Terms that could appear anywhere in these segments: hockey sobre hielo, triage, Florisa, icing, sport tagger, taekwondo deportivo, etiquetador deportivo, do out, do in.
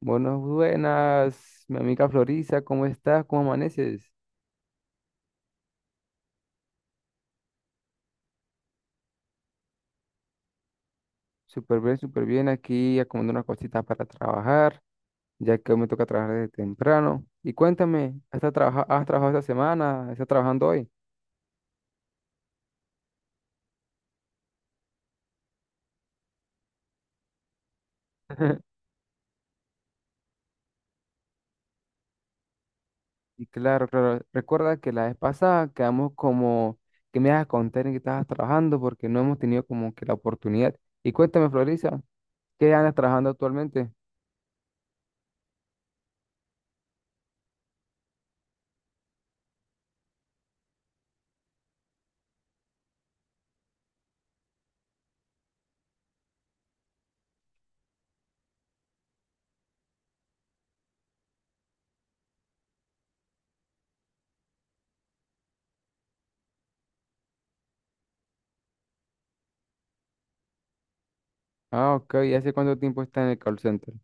Buenas, buenas, mi amiga Florisa, ¿cómo estás? ¿Cómo amaneces? Súper bien, aquí acomodando unas cositas para trabajar, ya que hoy me toca trabajar desde temprano. Y cuéntame, ¿has trabajado esta semana? ¿Estás trabajando hoy? Y claro, claro, recuerda que la vez pasada quedamos como que me ibas a contar en qué estabas trabajando porque no hemos tenido como que la oportunidad. Y cuéntame, Florisa, ¿qué andas trabajando actualmente? Ah, ok, ¿y hace cuánto tiempo estás en el call center?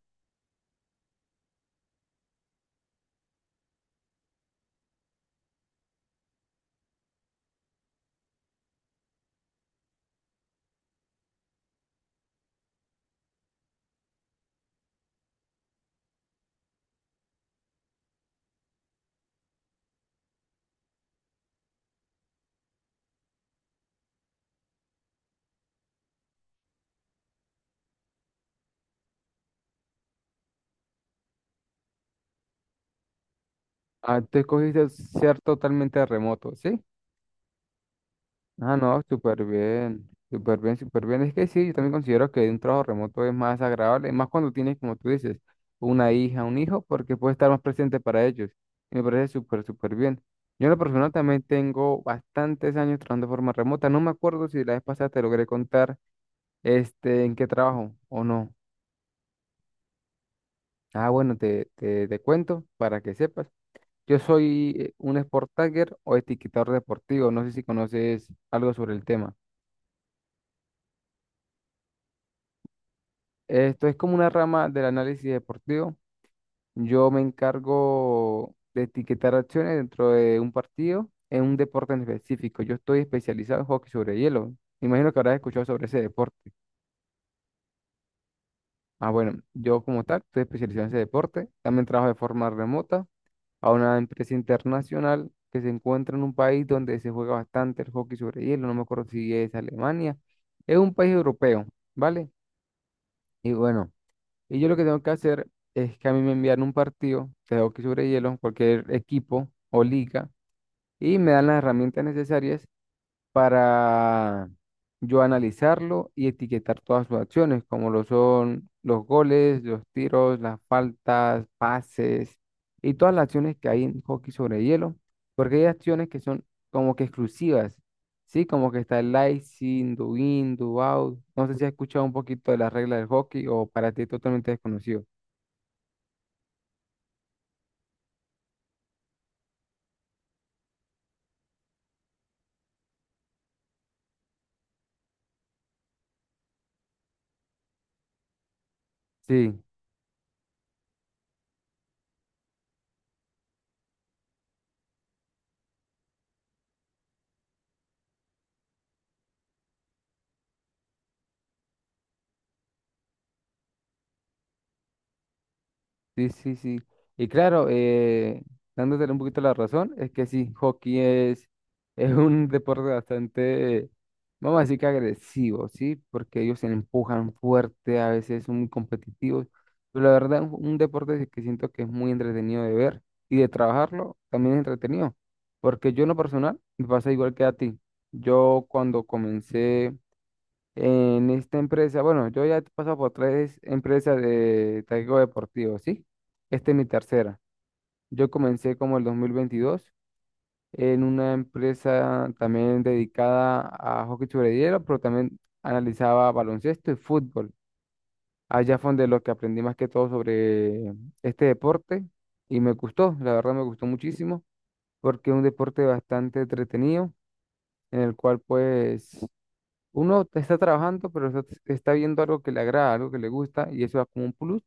Ah, tú escogiste ser totalmente remoto, ¿sí? Ah, no, súper bien, súper bien, súper bien. Es que sí, yo también considero que un trabajo remoto es más agradable, más cuando tienes, como tú dices, una hija, un hijo, porque puedes estar más presente para ellos. Y me parece súper, súper bien. Yo en lo personal también tengo bastantes años trabajando de forma remota. No me acuerdo si la vez pasada te logré contar este, en qué trabajo o no. Ah, bueno, te cuento para que sepas. Yo soy un sport tagger o etiquetador deportivo. No sé si conoces algo sobre el tema. Esto es como una rama del análisis deportivo. Yo me encargo de etiquetar acciones dentro de un partido en un deporte en específico. Yo estoy especializado en hockey sobre hielo. Me imagino que habrás escuchado sobre ese deporte. Ah, bueno, yo como tal estoy especializado en ese deporte. También trabajo de forma remota a una empresa internacional que se encuentra en un país donde se juega bastante el hockey sobre hielo, no me acuerdo si es Alemania, es un país europeo, ¿vale? Y bueno, y yo lo que tengo que hacer es que a mí me envían un partido de hockey sobre hielo, cualquier equipo o liga, y me dan las herramientas necesarias para yo analizarlo y etiquetar todas sus acciones, como lo son los goles, los tiros, las faltas, pases y todas las acciones que hay en hockey sobre hielo, porque hay acciones que son como que exclusivas, ¿sí? Como que está el icing, do in, do out. No sé si has escuchado un poquito de las reglas del hockey o para ti es totalmente desconocido. Sí. Sí, sí, sí. Y claro, dándole un poquito la razón, es que sí, hockey es, es un deporte bastante, vamos a decir que agresivo, ¿sí? Porque ellos se empujan fuerte, a veces son muy competitivos. Pero la verdad, un deporte que siento que es muy entretenido de ver y de trabajarlo también es entretenido. Porque yo en lo personal me pasa igual que a ti. Yo cuando comencé. En esta empresa, bueno, yo ya he pasado por tres empresas de taekwondo deportivo, ¿sí? Esta es mi tercera. Yo comencé como el 2022 en una empresa también dedicada a hockey sobre hielo, pero también analizaba baloncesto y fútbol. Allá fue donde lo que aprendí más que todo sobre este deporte y me gustó, la verdad me gustó muchísimo porque es un deporte bastante entretenido en el cual pues uno te está trabajando, pero está viendo algo que le agrada, algo que le gusta, y eso da como un plus,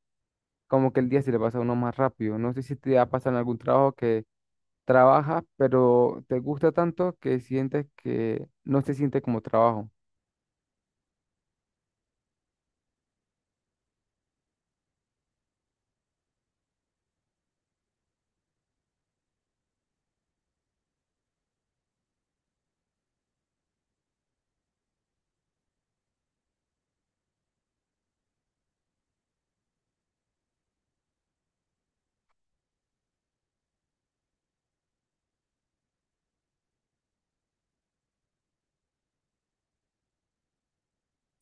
como que el día se le pasa a uno más rápido. No sé si te ha pasado en algún trabajo que trabajas, pero te gusta tanto que sientes que no se siente como trabajo.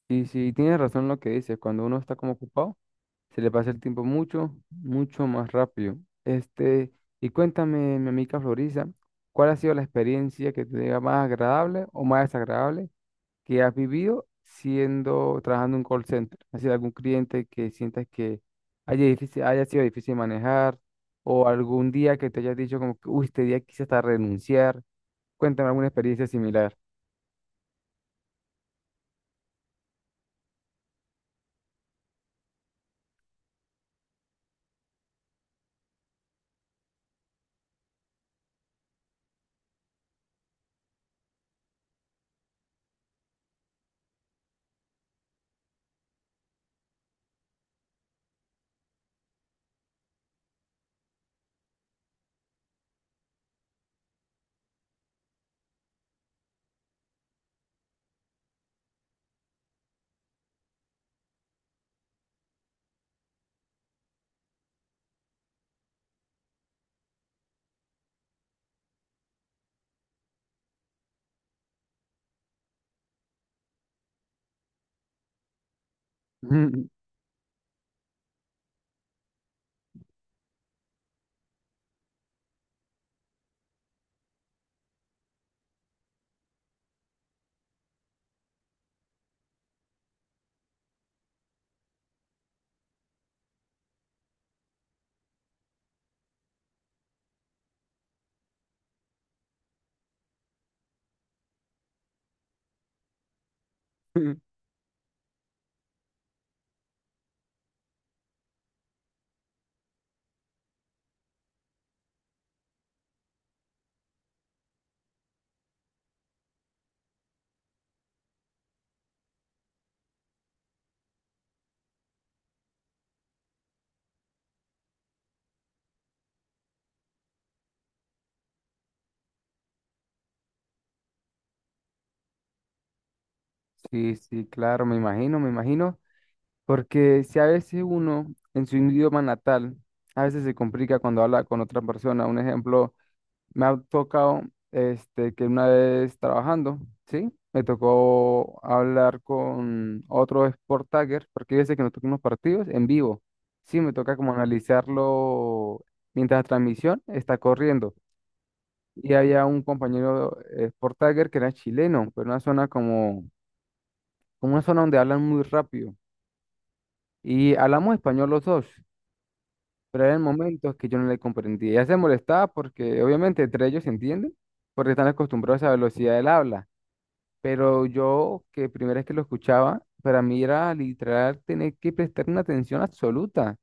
Y si tienes razón en lo que dices, cuando uno está como ocupado, se le pasa el tiempo mucho más rápido. Este, y cuéntame, mi amiga Florisa, ¿cuál ha sido la experiencia que te diga más agradable o más desagradable que has vivido siendo, trabajando en un call center? Es decir, algún cliente que sientas que haya sido difícil manejar o algún día que te hayas dicho como que, uy, este día quise hasta renunciar. Cuéntame alguna experiencia similar. Sí, sí, claro, me imagino, porque si a veces uno en su idioma natal, a veces se complica cuando habla con otra persona. Un ejemplo. Me ha tocado, este, que una vez trabajando, ¿sí? Me tocó hablar con otro Sport Tagger, porque hay que nos tocan unos partidos en vivo. Sí, me toca como analizarlo mientras la transmisión está corriendo. Y había un compañero Sport Tagger que era chileno, pero una zona como una zona donde hablan muy rápido. Y hablamos español los dos, pero eran momentos que yo no le comprendía. Ya se molestaba porque obviamente entre ellos se entienden, porque están acostumbrados a la velocidad del habla. Pero yo, que primera vez que lo escuchaba, para mí era literal tener que prestar una atención absoluta.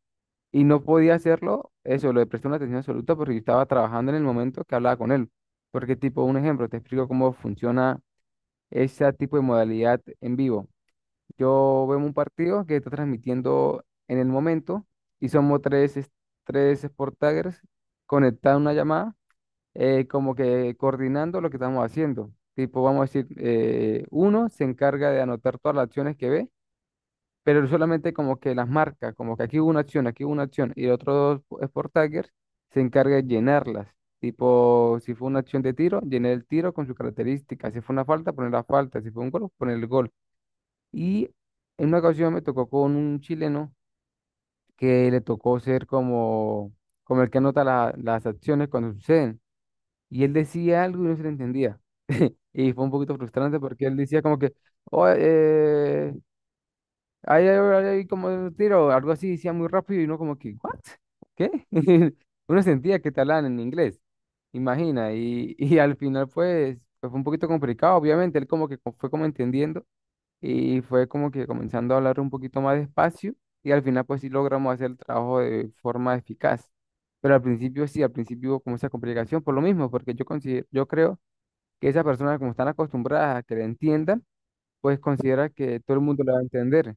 Y no podía hacerlo, eso, lo de prestar una atención absoluta, porque yo estaba trabajando en el momento que hablaba con él. Porque, tipo, un ejemplo, te explico cómo funciona ese tipo de modalidad en vivo. Yo veo un partido que está transmitiendo en el momento y somos tres, tres Sport Taggers conectados a una llamada como que coordinando lo que estamos haciendo. Tipo, vamos a decir, uno se encarga de anotar todas las acciones que ve, pero solamente como que las marca, como que aquí hubo una acción, aquí hubo una acción, y el otro dos Sport Taggers se encarga de llenarlas. Tipo, si fue una acción de tiro, llenar el tiro con sus características. Si fue una falta, poner la falta. Si fue un gol, poner el gol. Y en una ocasión me tocó con un chileno que le tocó ser como, como el que anota las acciones cuando suceden. Y él decía algo y no se le entendía. Y fue un poquito frustrante porque él decía como que, oh, ahí hay como un tiro, algo así, decía muy rápido y uno como que, ¿what? ¿Qué? Uno sentía que te hablaban en inglés, imagina. Y, y al final pues fue un poquito complicado, obviamente, él como que fue como entendiendo y fue como que comenzando a hablar un poquito más despacio y al final pues sí logramos hacer el trabajo de forma eficaz. Pero al principio sí, al principio hubo como esa complicación por lo mismo, porque yo considero, yo creo que esas personas como están acostumbradas a que le entiendan, pues considera que todo el mundo le va a entender.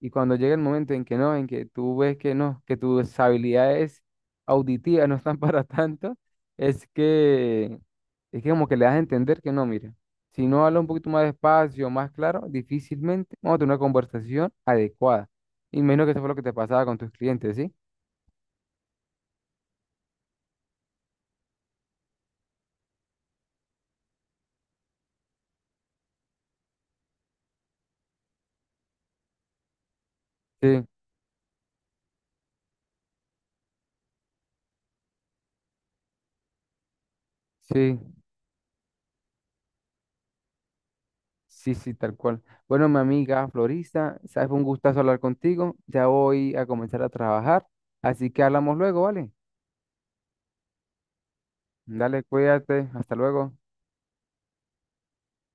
Y cuando llega el momento en que no, en que tú ves que no, que tus habilidades auditivas no están para tanto, es que, es que como que le das a entender que no, mira, si no habla un poquito más despacio, más claro, difícilmente vamos a tener una conversación adecuada. Y menos que eso fue lo que te pasaba con tus clientes, ¿sí? Sí, sí, sí, sí, tal cual. Bueno, mi amiga florista, sabes, fue un gustazo hablar contigo. Ya voy a comenzar a trabajar, así que hablamos luego, ¿vale? Dale, cuídate, hasta luego.